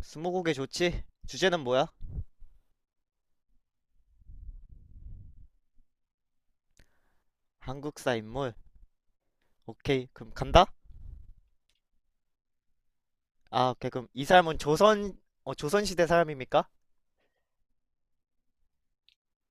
스무고개 좋지? 주제는 뭐야? 한국사 인물. 오케이, 그럼 간다? 아, 오케이, 그럼 이 사람은 조선시대 사람입니까?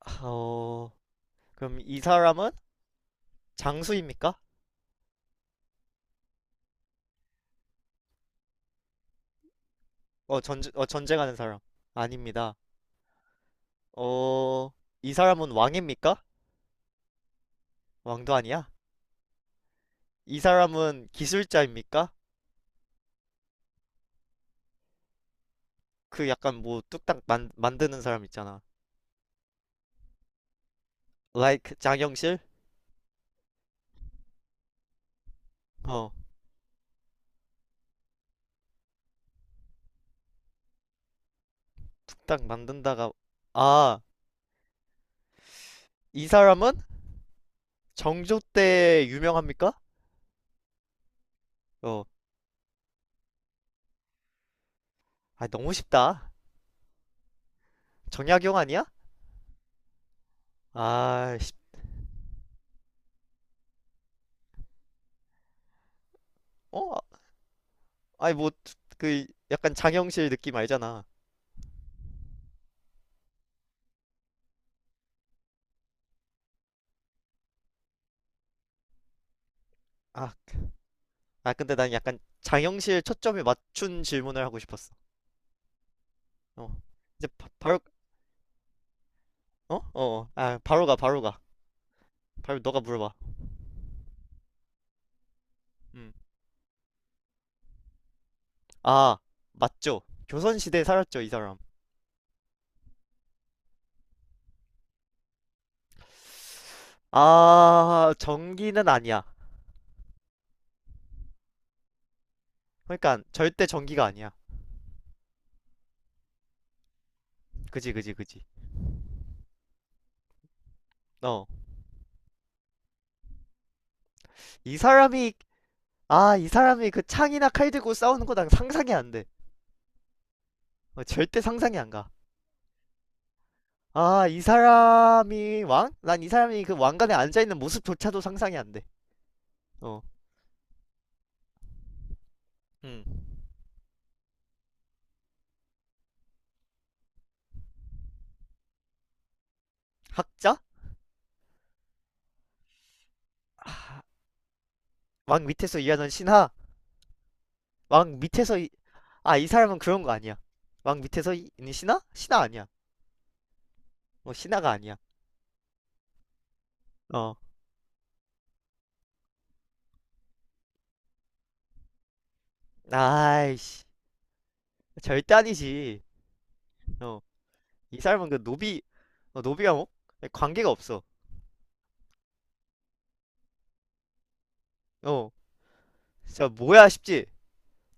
아, 어, 그럼 이 사람은 장수입니까? 어, 전쟁하는 사람. 아닙니다. 어, 이 사람은 왕입니까? 왕도 아니야? 이 사람은 기술자입니까? 그 약간 뭐 뚝딱 만드는 사람 있잖아. Like 장영실? 어, 뚝딱 만든다가, 아, 이 사람은 정조 때 유명합니까? 어, 아, 너무 쉽다. 정약용 아니야? 아, 씨. 어? 아니, 뭐, 그, 약간 장영실 느낌 알잖아. 아, 아, 근데 난 약간 장영실 초점에 맞춘 질문을 하고 싶었어. 어. 이제 바로, 어? 어, 어. 아, 바로 가, 바로 가. 바로 너가 물어봐. 음. 아, 맞죠. 조선시대에 살았죠, 이 사람. 아, 전기는 아니야. 그러니까, 절대 전기가 아니야. 그지, 그지, 그지. 어. 이 사람이, 이 사람이 그 창이나 칼 들고 싸우는 거 난 상상이 안 돼. 어, 절대 상상이 안 가. 아, 이 사람이 왕? 난 이 사람이 그 왕관에 앉아있는 모습조차도 상상이 안 돼. 어, 음. 학자? 왕 밑에서 일하는 신하? 왕 밑에서. 아, 이 사람은 그런 거 아니야. 왕 밑에서 있는 신하? 신하 아니야. 어, 신하가 아니야. 어, 아이씨. 절대 아니지. 어, 이 사람은 그 노비, 어, 노비가 뭐? 관계가 없어. 어, 진짜 뭐야 싶지?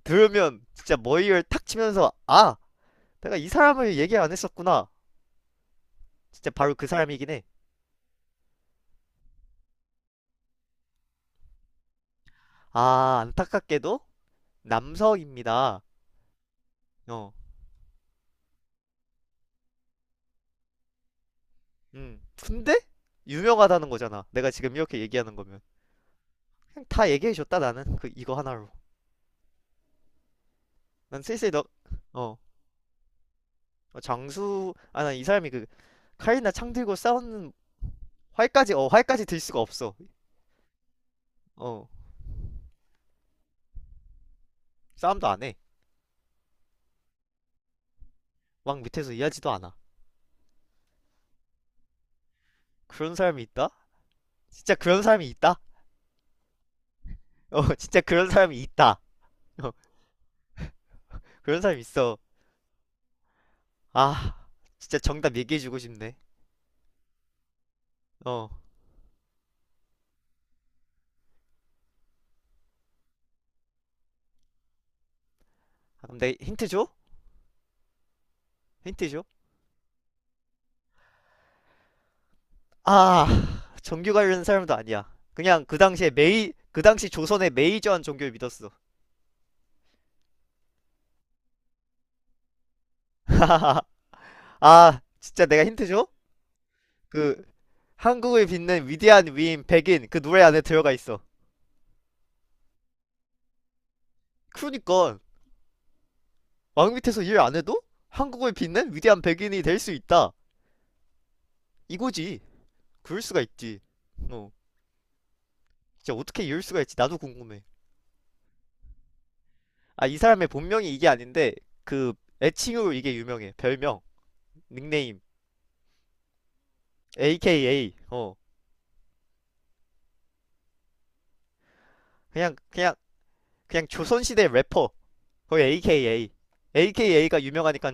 들으면 진짜 머리를 탁 치면서, 아! 내가 이 사람을 얘기 안 했었구나. 진짜 바로 그 사람이긴 해. 아, 안타깝게도 남성입니다. 어, 음. 근데 유명하다는 거잖아. 내가 지금 이렇게 얘기하는 거면 그냥 다 얘기해 줬다 나는 그 이거 하나로. 난 슬슬 너, 어, 어, 장수, 아, 난 이 사람이 그 칼이나 창 들고 싸우는 활까지 들 수가 없어. 어, 싸움도 안 해. 막 밑에서 이해하지도 않아. 그런 사람이 있다? 진짜 그런 사람이 있다? 어, 진짜 그런 사람이 있다. 어, 그런 사람이 있어. 아, 진짜 정답 얘기해주고 싶네. 어. 근데 힌트 줘? 힌트 줘? 아, 종교 관련 사람도 아니야. 그냥 그 당시에 그 당시 조선의 메이저한 종교를 믿었어. 아, 진짜 내가 힌트 줘? 그, 한국을 빛낸 위대한 위인 백인 그 노래 안에 들어가 있어. 그러니까, 왕 밑에서 일 안 해도 한국을 빛낸 위대한 백인이 될 수 있다. 이거지. 그럴 수가 있지. 어, 진짜 어떻게 이럴 수가 있지? 나도 궁금해. 아, 이 사람의 본명이 이게 아닌데, 그, 애칭으로 이게 유명해. 별명, 닉네임. AKA 어, 그냥 그냥 그냥 조선시대 래퍼, 거의 AKA가 유명하니까,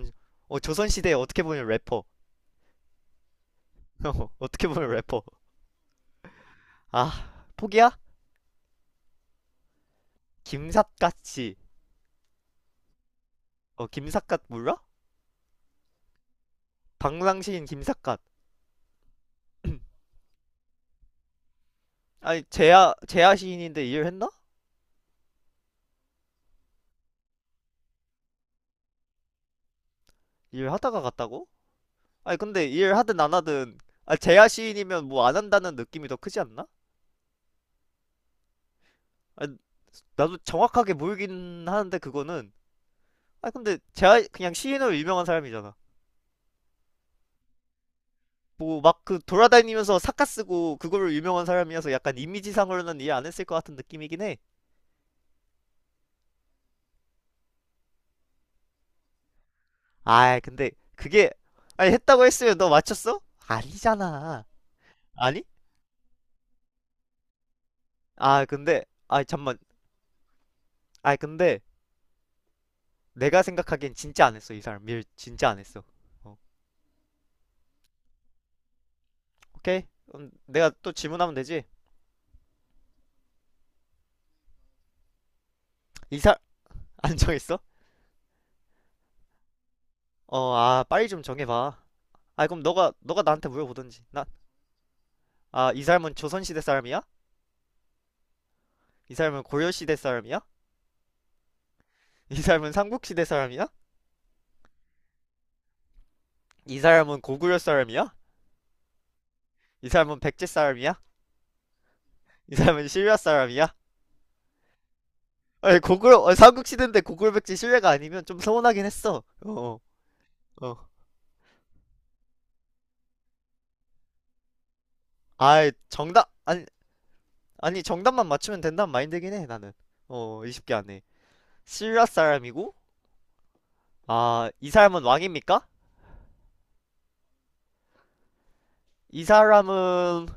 어, 조선시대 어떻게 보면 래퍼. 어, 어떻게 보면 래퍼. 아 포기야? 김삿갓씨. 어 김삿갓 몰라? 방랑시인 김삿갓. 아니 재야 시인인데 일했나? 일하다가 갔다고? 아니 근데 일하든 안 하든, 아 재야 시인이면 뭐 안 한다는 느낌이 더 크지 않나? 아, 나도 정확하게 모르긴 하는데 그거는. 아 근데 재야 그냥 시인으로 유명한 사람이잖아. 뭐 막 그 돌아다니면서 사카 쓰고 그걸로 유명한 사람이어서 약간 이미지상으로는 이해 안 했을 것 같은 느낌이긴 해. 아, 근데 그게, 아니 했다고 했으면 너 맞췄어? 아니잖아. 아니? 아, 근데 아 잠만. 아, 근데 내가 생각하기엔 진짜 안 했어, 이 사람. 밀 진짜 안 했어. 어, 오케이. 그럼 내가 또 질문하면 되지. 이 사, 람 안 정했어? 어, 아, 빨리 좀 정해봐. 아, 그럼 너가 나한테 물어보든지. 나, 아, 이 사람은 조선시대 사람이야? 이 사람은 고려시대 사람이야? 이 사람은 삼국시대 사람이야? 이 사람은 고구려 사람이야? 이 사람은 백제 사람이야? 이 사람은 신라 사람이야? 아니 고구려, 어, 삼국시대인데 고구려 백제 신라가 아니면 좀 서운하긴 했어. 어, 어. 아이 정답 아니 정답만 맞추면 된다는 마인드긴 해 나는. 어, 이십 개 안에. 신라 사람이고, 아, 이 사람은 왕입니까? 이 사람은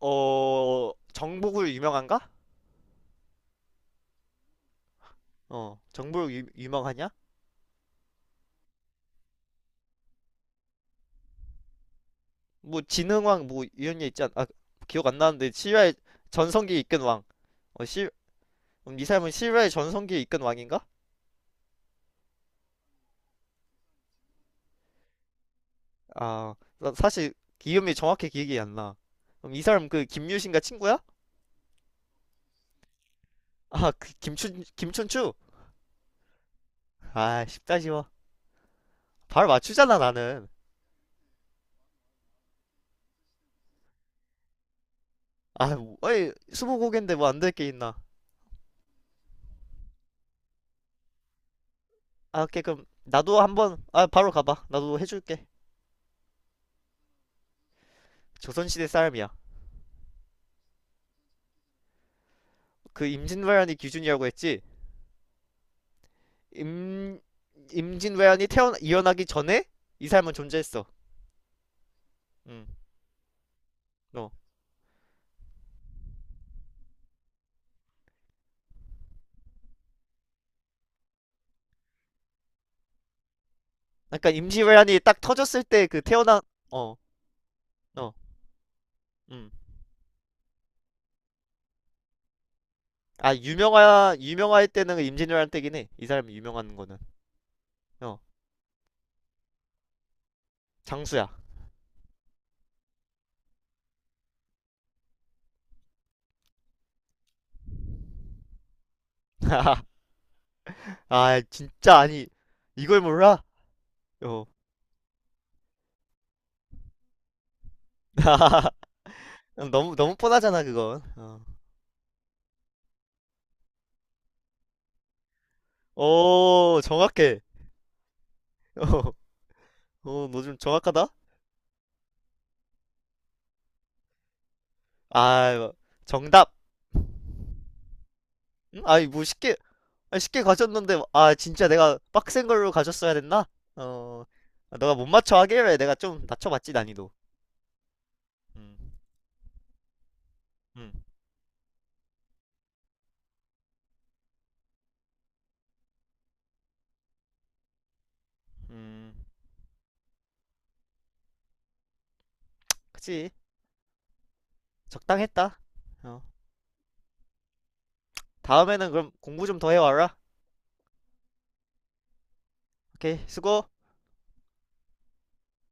어 정복으로 유명한가? 어, 정복으로 유명하냐? 뭐 지능왕 뭐 이런 게 있지 않? 아 기억 안 나는데 실화의 전성기에 이끈 왕. 어, 실, 이 사람은 실화의 전성기에 이끈 왕인가? 아, 나 사실 이름이 정확히 기억이 안 나. 그럼 이 사람 그 김유신가 친구야? 아, 그 김춘추? 아, 쉽다 쉬워. 바로 맞추잖아 나는. 아, 뭐, 어이 스무고개인데 뭐 안될게 있나? 아, 오케이 그럼 나도 한번, 아 바로 가봐. 나도 해줄게. 조선시대 사람이야. 그 임진왜란이 기준이라고 했지? 임 임진왜란이 태어나 일어나기 전에 이 사람은 존재했어. 응. 어. 그러니까 임진왜란이 딱 터졌을 때 그 태어난, 어, 어, 음. 아 유명하 유명할 때는 그 임진왜란 때긴 해. 이 사람이 유명한 거는, 어, 장수야. 아 진짜, 아니 이걸 몰라? 어. 너무 너무 뻔하잖아 그건. 어. 오 정확해. 어, 어, 너 좀 정확하다. 아 정답. 음? 아니 뭐 쉽게, 아, 쉽게 가졌는데 아 진짜 내가 빡센 걸로 가졌어야 됐나? 어. 아, 너가 못 맞춰 하길래 내가 좀 낮춰봤지 난이도. 음, 음, 음. 그치, 적당했다. 어. 다음에는 그럼 공부 좀 더 해와라. 오케이 수고.